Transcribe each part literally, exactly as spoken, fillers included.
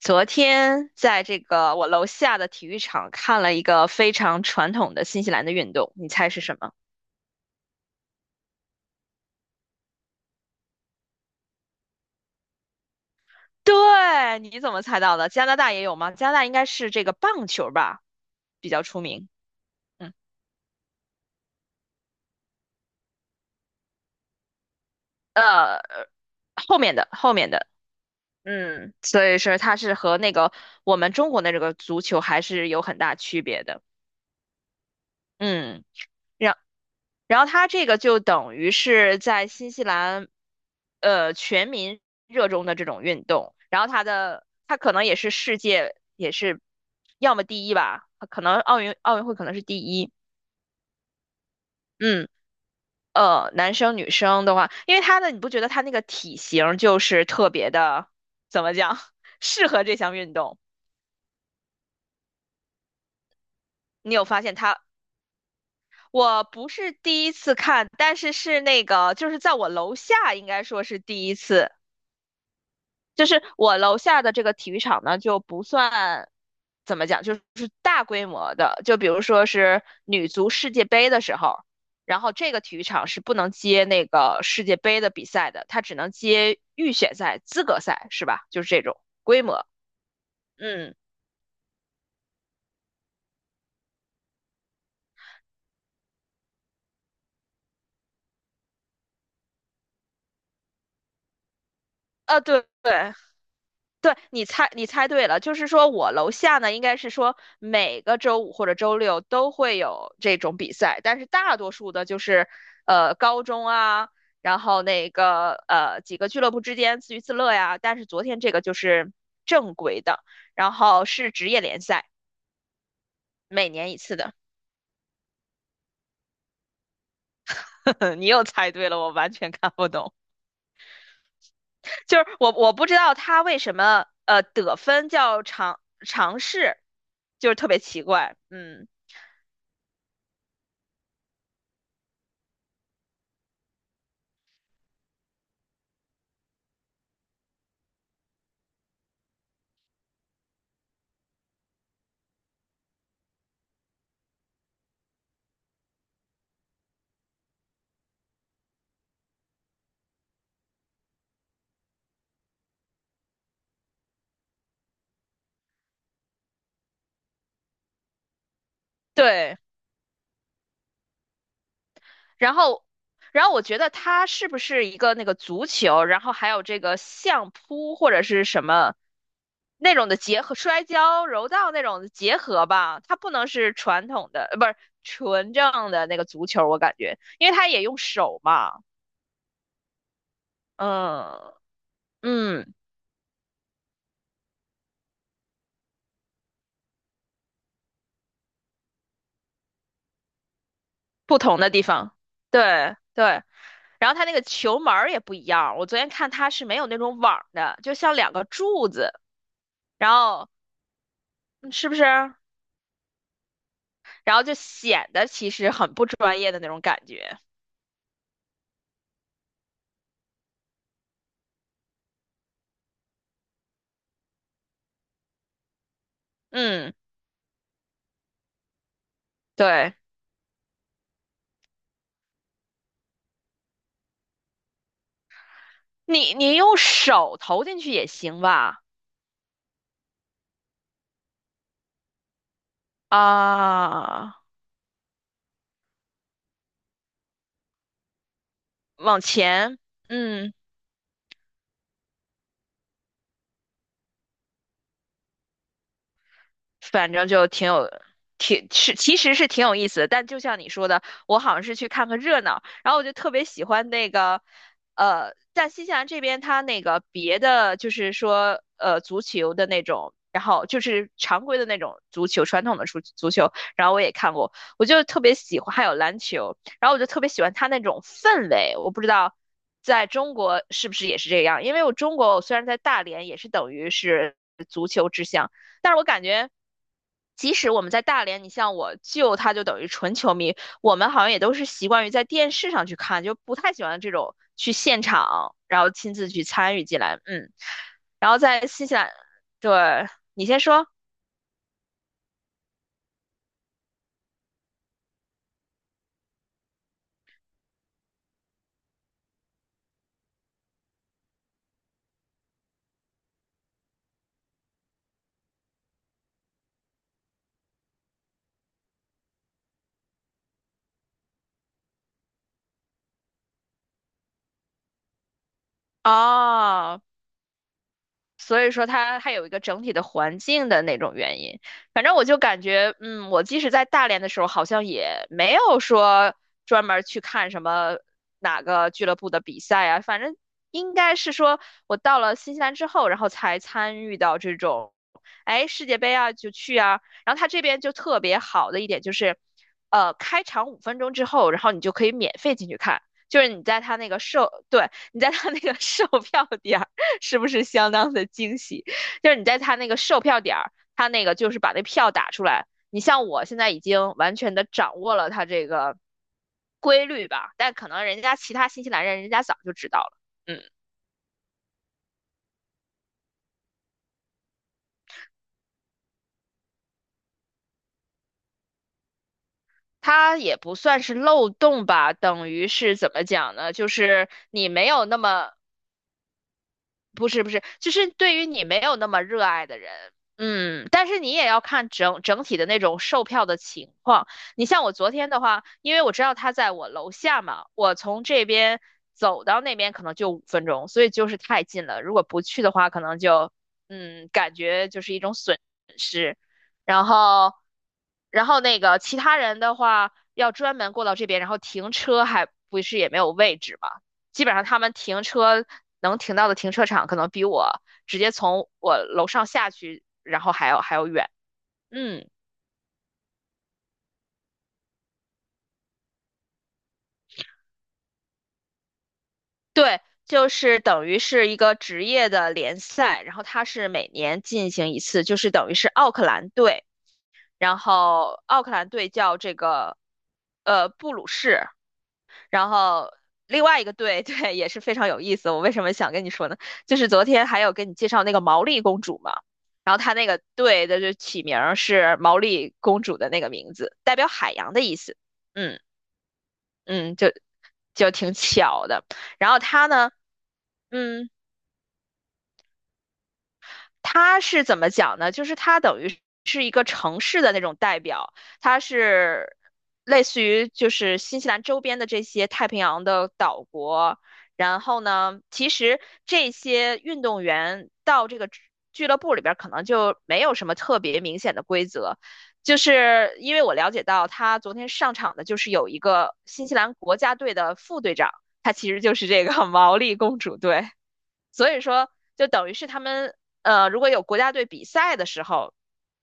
昨天在这个我楼下的体育场看了一个非常传统的新西兰的运动，你猜是什么？对，你怎么猜到的？加拿大也有吗？加拿大应该是这个棒球吧，比较出名。嗯，呃，后面的后面的，嗯，所以说它是和那个我们中国的这个足球还是有很大区别的。嗯。然然后他这个就等于是在新西兰，呃，全民热衷的这种运动。然后他的他可能也是世界也是，要么第一吧，可能奥运奥运会可能是第一。嗯，呃，男生女生的话，因为他的你不觉得他那个体型就是特别的，怎么讲，适合这项运动？你有发现他？我不是第一次看，但是是那个，就是在我楼下，应该说是第一次。就是我楼下的这个体育场呢，就不算怎么讲，就是大规模的，就比如说是女足世界杯的时候，然后这个体育场是不能接那个世界杯的比赛的，它只能接预选赛、资格赛，是吧？就是这种规模。嗯，啊，对对，对，你猜，你猜对了，就是说我楼下呢，应该是说每个周五或者周六都会有这种比赛，但是大多数的就是，呃，高中啊，然后那个呃几个俱乐部之间自娱自乐呀。但是昨天这个就是正规的，然后是职业联赛，每年一次的。你又猜对了，我完全看不懂，就是我我不知道他为什么呃得分叫尝尝试，就是特别奇怪，嗯，对。然后，然后我觉得它是不是一个那个足球，然后还有这个相扑或者是什么那种的结合，摔跤、柔道那种的结合吧？它不能是传统的，呃，不是纯正的那个足球，我感觉，因为它也用手嘛，嗯嗯，不同的地方，对对。然后它那个球门儿也不一样，我昨天看它是没有那种网儿的，就像两个柱子，然后嗯是不是？然后就显得其实很不专业的那种感觉。嗯，对，你你用手投进去也行吧？啊，往前，嗯。反正就挺有，挺是其实是挺有意思的。但就像你说的，我好像是去看个热闹，然后我就特别喜欢那个，呃，在新西兰这边，它那个别的就是说，呃，足球的那种，然后就是常规的那种足球，传统的足足球，然后我也看过，我就特别喜欢，还有篮球，然后我就特别喜欢它那种氛围，我不知道。在中国是不是也是这样？因为我中国，我虽然在大连，也是等于是足球之乡，但是我感觉，即使我们在大连，你像我舅，他就等于纯球迷，我们好像也都是习惯于在电视上去看，就不太喜欢这种去现场，然后亲自去参与进来。嗯，然后在新西兰，对，你先说。哦，所以说它还有一个整体的环境的那种原因。反正我就感觉，嗯，我即使在大连的时候，好像也没有说专门儿去看什么哪个俱乐部的比赛啊。反正应该是说我到了新西兰之后，然后才参与到这种，哎，世界杯啊就去啊。然后它这边就特别好的一点就是，呃，开场五分钟之后，然后你就可以免费进去看。就是你在他那个售，对，你在他那个售票点，是不是相当的惊喜？就是你在他那个售票点儿，他那个就是把那票打出来。你像我现在已经完全的掌握了他这个规律吧，但可能人家其他新西兰人人家早就知道了。嗯，他也不算是漏洞吧，等于是怎么讲呢？就是你没有那么不是不是，就是对于你没有那么热爱的人，嗯，但是你也要看整整体的那种售票的情况。你像我昨天的话，因为我知道他在我楼下嘛，我从这边走到那边可能就五分钟，所以就是太近了。如果不去的话，可能就嗯，感觉就是一种损失。然后，然后那个其他人的话，要专门过到这边，然后停车还不是也没有位置嘛，基本上他们停车能停到的停车场，可能比我直接从我楼上下去，然后还要还要远。嗯，对，就是等于是一个职业的联赛，然后它是每年进行一次，就是等于是奥克兰队，然后奥克兰队叫这个呃布鲁士，然后另外一个队，对，也是非常有意思。我为什么想跟你说呢？就是昨天还有跟你介绍那个毛利公主嘛，然后她那个队的就起名儿是毛利公主的那个名字，代表海洋的意思。嗯嗯，就就挺巧的。然后她呢，嗯。他是怎么讲呢？就是他等于是一个城市的那种代表，他是类似于就是新西兰周边的这些太平洋的岛国。然后呢，其实这些运动员到这个俱俱乐部里边，可能就没有什么特别明显的规则。就是因为我了解到，他昨天上场的就是有一个新西兰国家队的副队长，他其实就是这个 毛利公主队。所以说，就等于是他们呃，如果有国家队比赛的时候，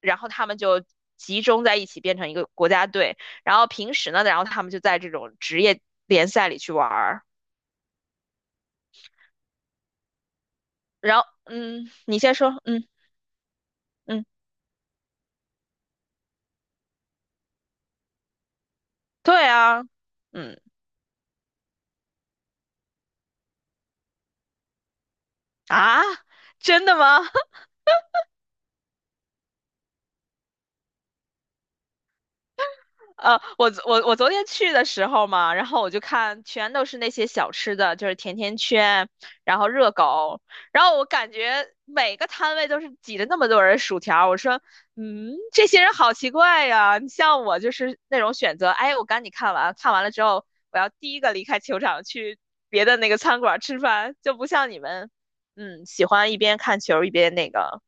然后他们就集中在一起变成一个国家队，然后平时呢，然后他们就在这种职业联赛里去玩儿。然后，嗯，你先说，嗯嗯，对啊，嗯啊，真的吗？呃，我昨我我昨天去的时候嘛，然后我就看全都是那些小吃的，就是甜甜圈，然后热狗，然后我感觉每个摊位都是挤着那么多人薯条，我说，嗯，这些人好奇怪呀。你像我就是那种选择，哎，我赶紧看完，看完了之后，我要第一个离开球场去别的那个餐馆吃饭，就不像你们，嗯，喜欢一边看球一边那个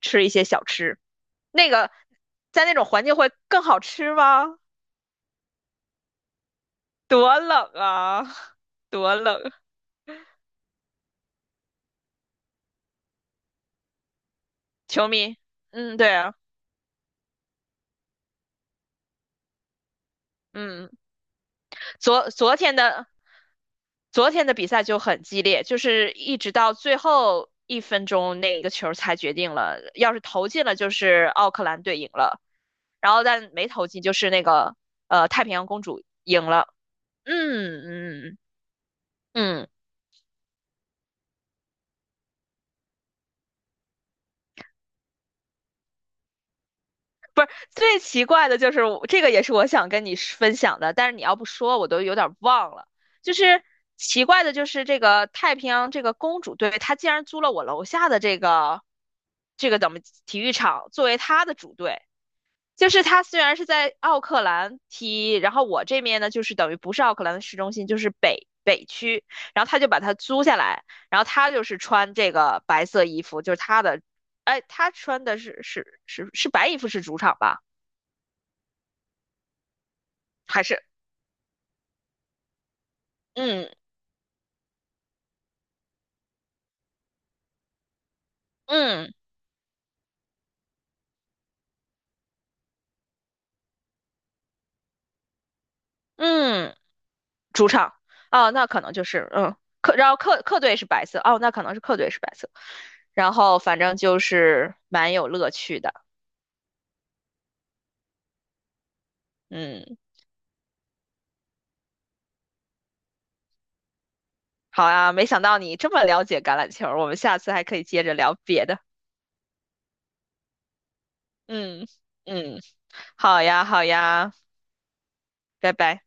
吃一些小吃，那个在那种环境会更好吃吗？多冷啊，多冷！球迷，嗯，对啊，嗯，昨昨天的昨天的比赛就很激烈，就是一直到最后一分钟那个球才决定了，要是投进了就是奥克兰队赢了，然后但没投进就是那个呃太平洋公主赢了，嗯嗯嗯。嗯最奇怪的就是我这个，也是我想跟你分享的，但是你要不说，我都有点忘了。就是奇怪的，就是这个太平洋这个公主队，她竟然租了我楼下的这个这个怎么体育场作为她的主队。就是她虽然是在奥克兰踢，然后我这边呢，就是等于不是奥克兰的市中心，就是北北区，然后她就把它租下来，然后她就是穿这个白色衣服，就是她的，哎，她穿的是是是是白衣服是主场吧？还是嗯嗯嗯主场哦，那可能就是嗯客，然后客客队是白色哦，那可能是客队是白色，然后反正就是蛮有乐趣的，嗯，好啊，没想到你这么了解橄榄球，我们下次还可以接着聊别的，嗯嗯，好呀好呀，拜拜。